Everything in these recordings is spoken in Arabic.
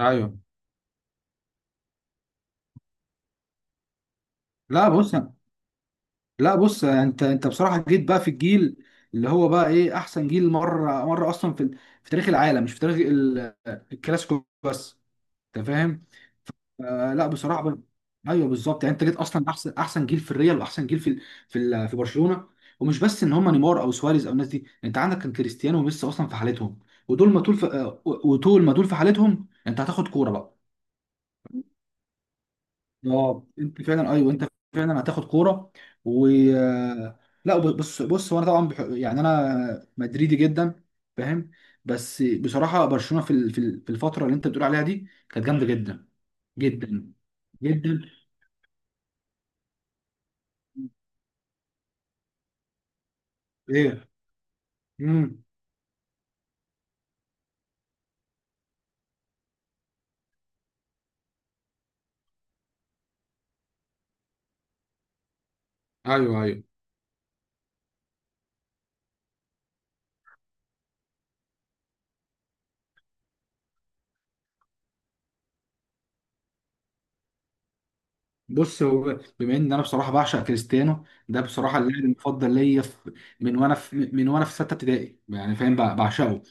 ايوه. لا بص، لا بص، انت بصراحه جيت بقى في الجيل اللي هو بقى ايه احسن جيل مره مره اصلا في تاريخ العالم، مش في تاريخ الكلاسيكو بس. انت فاهم؟ لا بصراحه ايوه، بالظبط، يعني انت جيت اصلا احسن جيل في الريال واحسن جيل في برشلونه. ومش بس ان هم نيمار او سواريز او الناس دي، انت عندك كان كريستيانو وميسي اصلا في حالتهم. ودول ما طول في... آه، وطول ما دول في حالتهم انت هتاخد كوره بقى. اه، انت فعلا، ايوه انت فعلا هتاخد كوره. و لا بص، هو انا طبعا يعني انا مدريدي جدا، فاهم. بس بصراحه برشلونه في الفتره اللي انت بتقول عليها دي كانت جامده جدا، جدا جدا. ايه. امم ايوه، ايوه. بص، هو بما ان انا بصراحه بعشق كريستيانو ده، بصراحه اللاعب المفضل ليا من وانا في سته ابتدائي، يعني فاهم، بعشقه.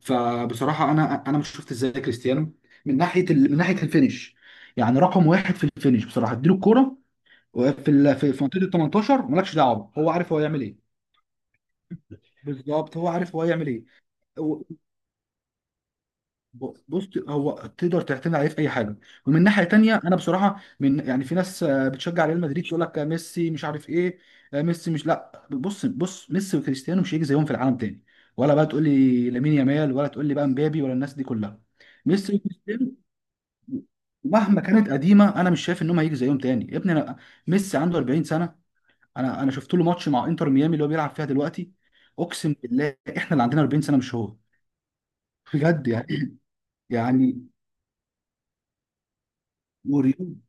فبصراحه انا مش شفت ازاي كريستيانو من ناحيه الفينش. يعني رقم واحد في الفينش، بصراحه اديله الكوره في منطقه ال 18، مالكش دعوه، هو عارف هو يعمل ايه. بالظبط هو عارف هو يعمل ايه. هو- بص، هو تقدر تعتمد عليه في اي حاجه. ومن ناحيه تانية انا بصراحه من يعني في ناس بتشجع ريال مدريد، تقول لك ميسي مش عارف ايه، ميسي مش لا، بص ميسي وكريستيانو مش هيجي زيهم في العالم تاني. ولا بقى تقول لي لامين يامال، ولا تقول لي بقى مبابي، ولا الناس دي كلها. ميسي وكريستيانو، ومهما كانت قديمه، انا مش شايف انهم هيجي زيهم تاني يا ابني انا. ميسي عنده 40 سنه. انا شفت له ماتش مع انتر ميامي اللي هو بيلعب فيها دلوقتي. اقسم بالله احنا اللي عندنا 40 سنه، مش هو، بجد يعني مريب.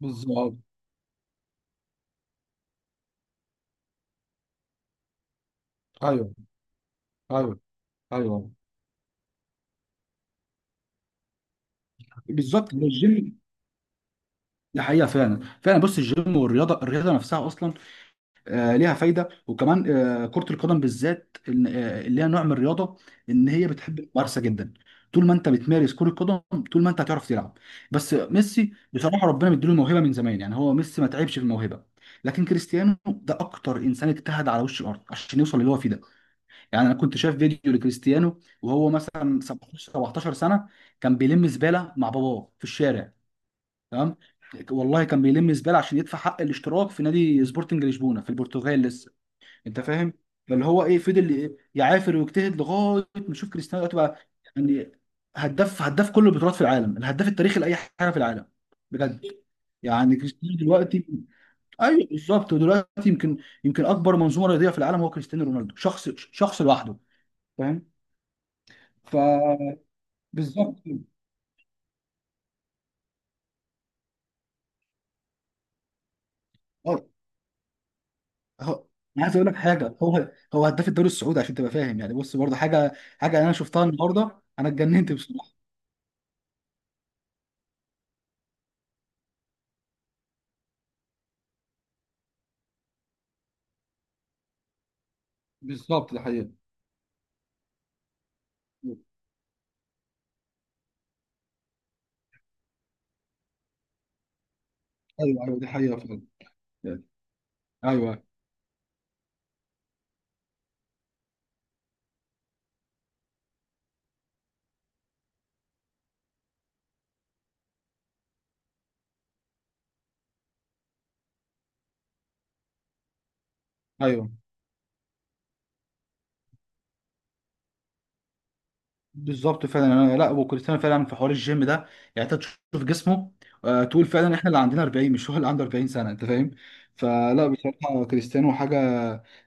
بالظبط. ايوه، ايوه، ايوه، بالظبط، ده الجيم. دي حقيقه فعلا، فعلا. بص، الجيم والرياضه، الرياضه نفسها اصلا ليها فايده، وكمان كره القدم بالذات اللي هي نوع من الرياضه ان هي بتحب الممارسه جدا. طول ما انت بتمارس كره قدم، طول ما انت هتعرف تلعب. بس ميسي بصراحه ربنا مديله الموهبه من زمان، يعني هو ميسي ما تعبش في الموهبه. لكن كريستيانو ده اكتر انسان اجتهد على وش الارض عشان يوصل للي هو فيه ده. يعني انا كنت شايف فيديو لكريستيانو وهو مثلا 17 سنه، كان بيلم زباله مع باباه في الشارع. تمام؟ والله كان بيلم زباله عشان يدفع حق الاشتراك في نادي سبورتنج لشبونه في البرتغال لسه. انت فاهم؟ فاللي هو ايه، فضل يعافر ويجتهد لغايه ما يشوف كريستيانو دلوقتي بقى. يعني هداف كل البطولات في العالم، الهداف التاريخي لاي حاجه في العالم، بجد. يعني كريستيانو دلوقتي، ايوه بالظبط. ودلوقتي يمكن، اكبر منظومه رياضيه في العالم هو كريستيانو رونالدو، شخص لوحده، فاهم. فبالظبط. اه. هو- انا عايز اقول لك حاجه، هو هداف الدوري السعودي، عشان تبقى فاهم يعني. بص برضه حاجه، انا شفتها النهارده انا اتجننت بصراحه. بالظبط ده حقيقة. ايوه، ايوه، دي حقيقة فعلا. ايوه، ايوه، بالظبط. فعلا انا. لا، وكريستيانو فعلا في حوار الجيم ده، يعني انت تشوف جسمه، تقول فعلا احنا اللي عندنا 40 مش هو اللي عنده 40 سنه، انت فاهم. فلا بصراحه كريستيانو حاجه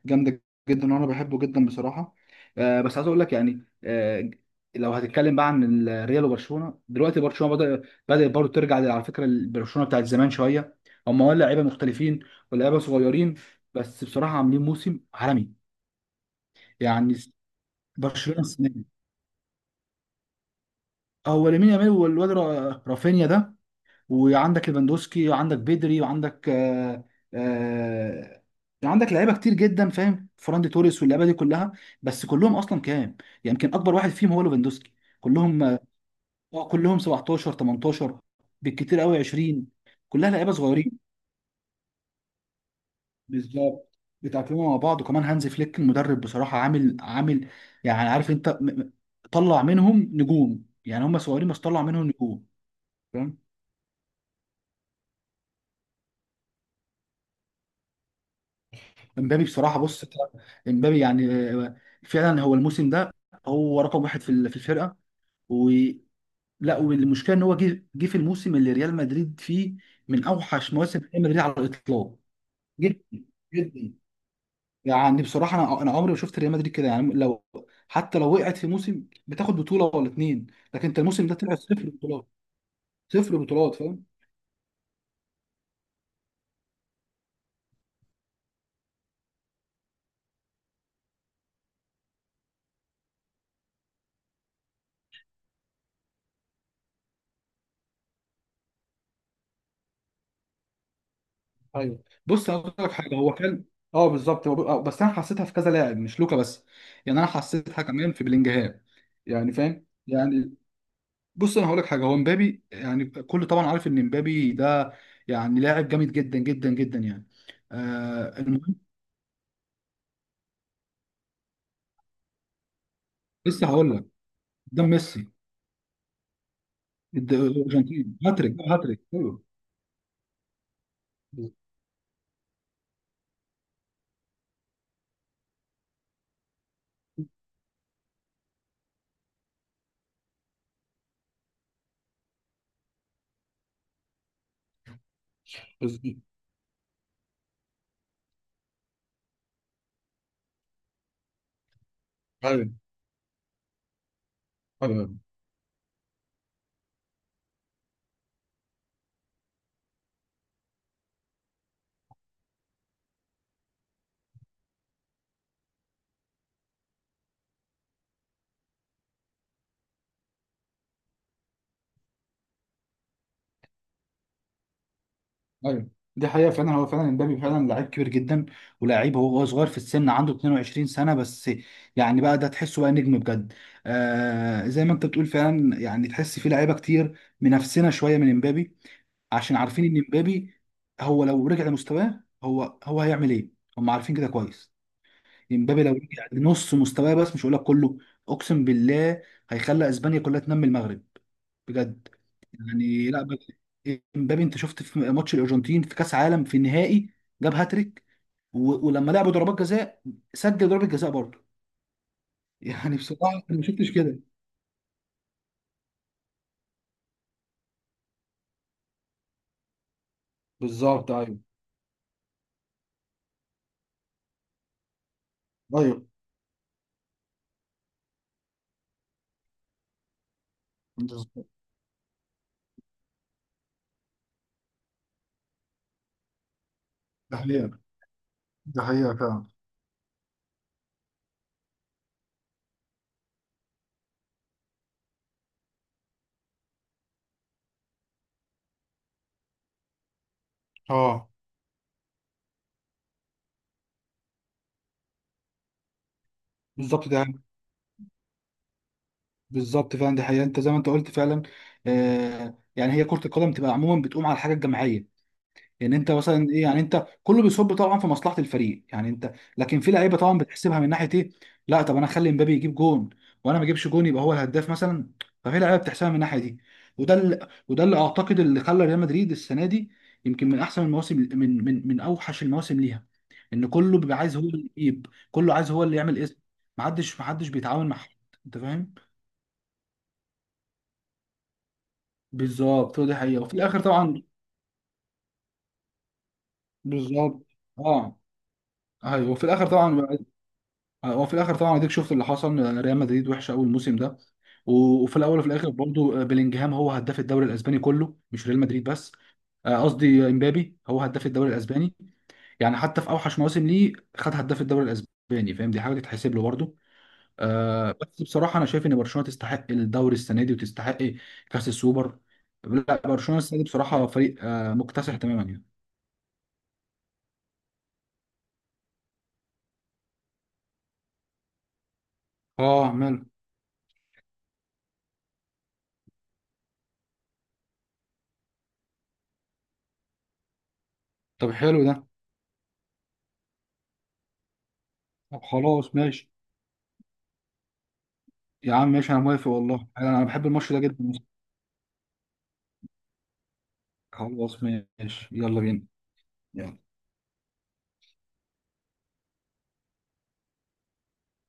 جامده جدا، وانا بحبه جدا بصراحه. بس عايز اقول لك يعني، لو هتتكلم بقى عن الريال وبرشلونه دلوقتي، برشلونه بدا، برضه ترجع على فكره البرشلونه بتاعت زمان شويه. هم، ولا لعيبه مختلفين، ولا لعيبه صغيرين بس بصراحه عاملين موسم عالمي. يعني برشلونه، هو لامين يامال، والواد رافينيا ده، وعندك ليفاندوسكي، وعندك بيدري، وعندك آه عندك لعيبه كتير جدا، فاهم، فران دي توريس، واللعيبه دي كلها. بس كلهم اصلا كام يعني، يمكن اكبر واحد فيهم هو ليفاندوسكي. كلهم كلهم 17، 18، بالكتير قوي 20، كلها لعيبه صغيرين. بالظبط، بيتاقلموا مع بعض، وكمان هانز فليك المدرب بصراحه عامل يعني، عارف انت طلع منهم نجوم. يعني هم صغيرين بس طلع منهم نجوم. امبابي بصراحه، بص امبابي يعني فعلا هو الموسم ده هو رقم واحد في الفرقه، ولا. والمشكله ان هو جه في الموسم اللي ريال مدريد فيه من اوحش مواسم ريال مدريد على الاطلاق. جدا، جدا. يعني بصراحه انا عمري ما شفت ريال مدريد كده. يعني لو، حتى لو وقعت في موسم بتاخد بطوله ولا اتنين. لكن انت الموسم ده طلع صفر بطولات، صفر بطولات فاهم. ايوه. بص انا اقول لك حاجه، هو كان، اه بالظبط هو، بس انا حسيتها في كذا لاعب مش لوكا بس، يعني انا حسيتها كمان في بلينجهام، يعني فاهم يعني. بص انا هقول لك حاجه، هو مبابي يعني، كل طبعا عارف ان مبابي ده يعني لاعب جامد جدا جدا جدا يعني. المهم، لسه هقول لك. قدام ميسي. الارجنتين، هاتريك، ايوه. بس- بس- ايوه، ايوه، ايوه دي حقيقة فعلا. هو فعلا امبابي فعلا لعيب كبير جدا. ولاعيب، هو صغير في السن، عنده 22 سنة بس. يعني بقى ده تحسه بقى نجم بجد. آه زي ما انت بتقول فعلا، يعني تحس في لعيبة كتير منافسنا شوية من امبابي، عشان عارفين ان امبابي هو لو رجع لمستواه هو هيعمل ايه، هم عارفين كده كويس. امبابي لو رجع لنص مستواه بس، مش هقول لك كله، اقسم بالله هيخلي اسبانيا كلها تنمي المغرب، بجد يعني. لا امبابي، انت شفت في ماتش الارجنتين في كاس عالم في النهائي جاب هاتريك. ولما لعبوا ضربات جزاء سجل ضربة جزاء برضه يعني بصراحة انا ما شفتش كده. بالظبط، ايوه، ايوه بالظبط. ده حقيقة، ده حقيقة فعلا. اه بالظبط ده، بالظبط فعلا دي حقيقة انت زي ما انت قلت فعلا. آه يعني هي كرة القدم تبقى عموما بتقوم على الحاجة الجماعية. يعني انت مثلا ايه، يعني انت كله بيصب طبعا في مصلحه الفريق يعني انت. لكن في لعيبه طبعا بتحسبها من ناحيه ايه، لا طب انا اخلي مبابي يجيب جون وانا ما اجيبش جون، يبقى هو الهداف مثلا. ففي لعيبه بتحسبها من الناحيه دي، وده اللي اعتقد اللي خلى ريال مدريد السنه دي يمكن من احسن المواسم، من اوحش المواسم ليها. ان كله بيبقى عايز هو اللي يجيب، كله عايز هو اللي يعمل اسم. محدش بيتعاون مع حد، انت فاهم. بالظبط، هو دي حقيقه. وفي الاخر طبعا. بالظبط اه. ايوه، وفي الاخر طبعا، وفي الاخر طبعا اديك شفت اللي حصل ريال مدريد وحشه قوي الموسم ده. وفي الاول وفي الاخر برضه بلينجهام هو هداف الدوري الاسباني كله، مش ريال مدريد بس. قصدي امبابي هو هداف الدوري الاسباني. يعني حتى في اوحش مواسم ليه خد هداف الدوري الاسباني، فاهم، دي حاجه تتحسب له برضه. بس بصراحه انا شايف ان برشلونه تستحق الدوري السنه دي وتستحق كاس السوبر. لا برشلونه السنه دي بصراحه فريق مكتسح تماما يعني. اه، ماله. طب حلو ده. طب خلاص ماشي، يا عم ماشي، انا موافق والله، انا بحب الماتش ده جدا. خلاص ماشي يلا بينا. يلا.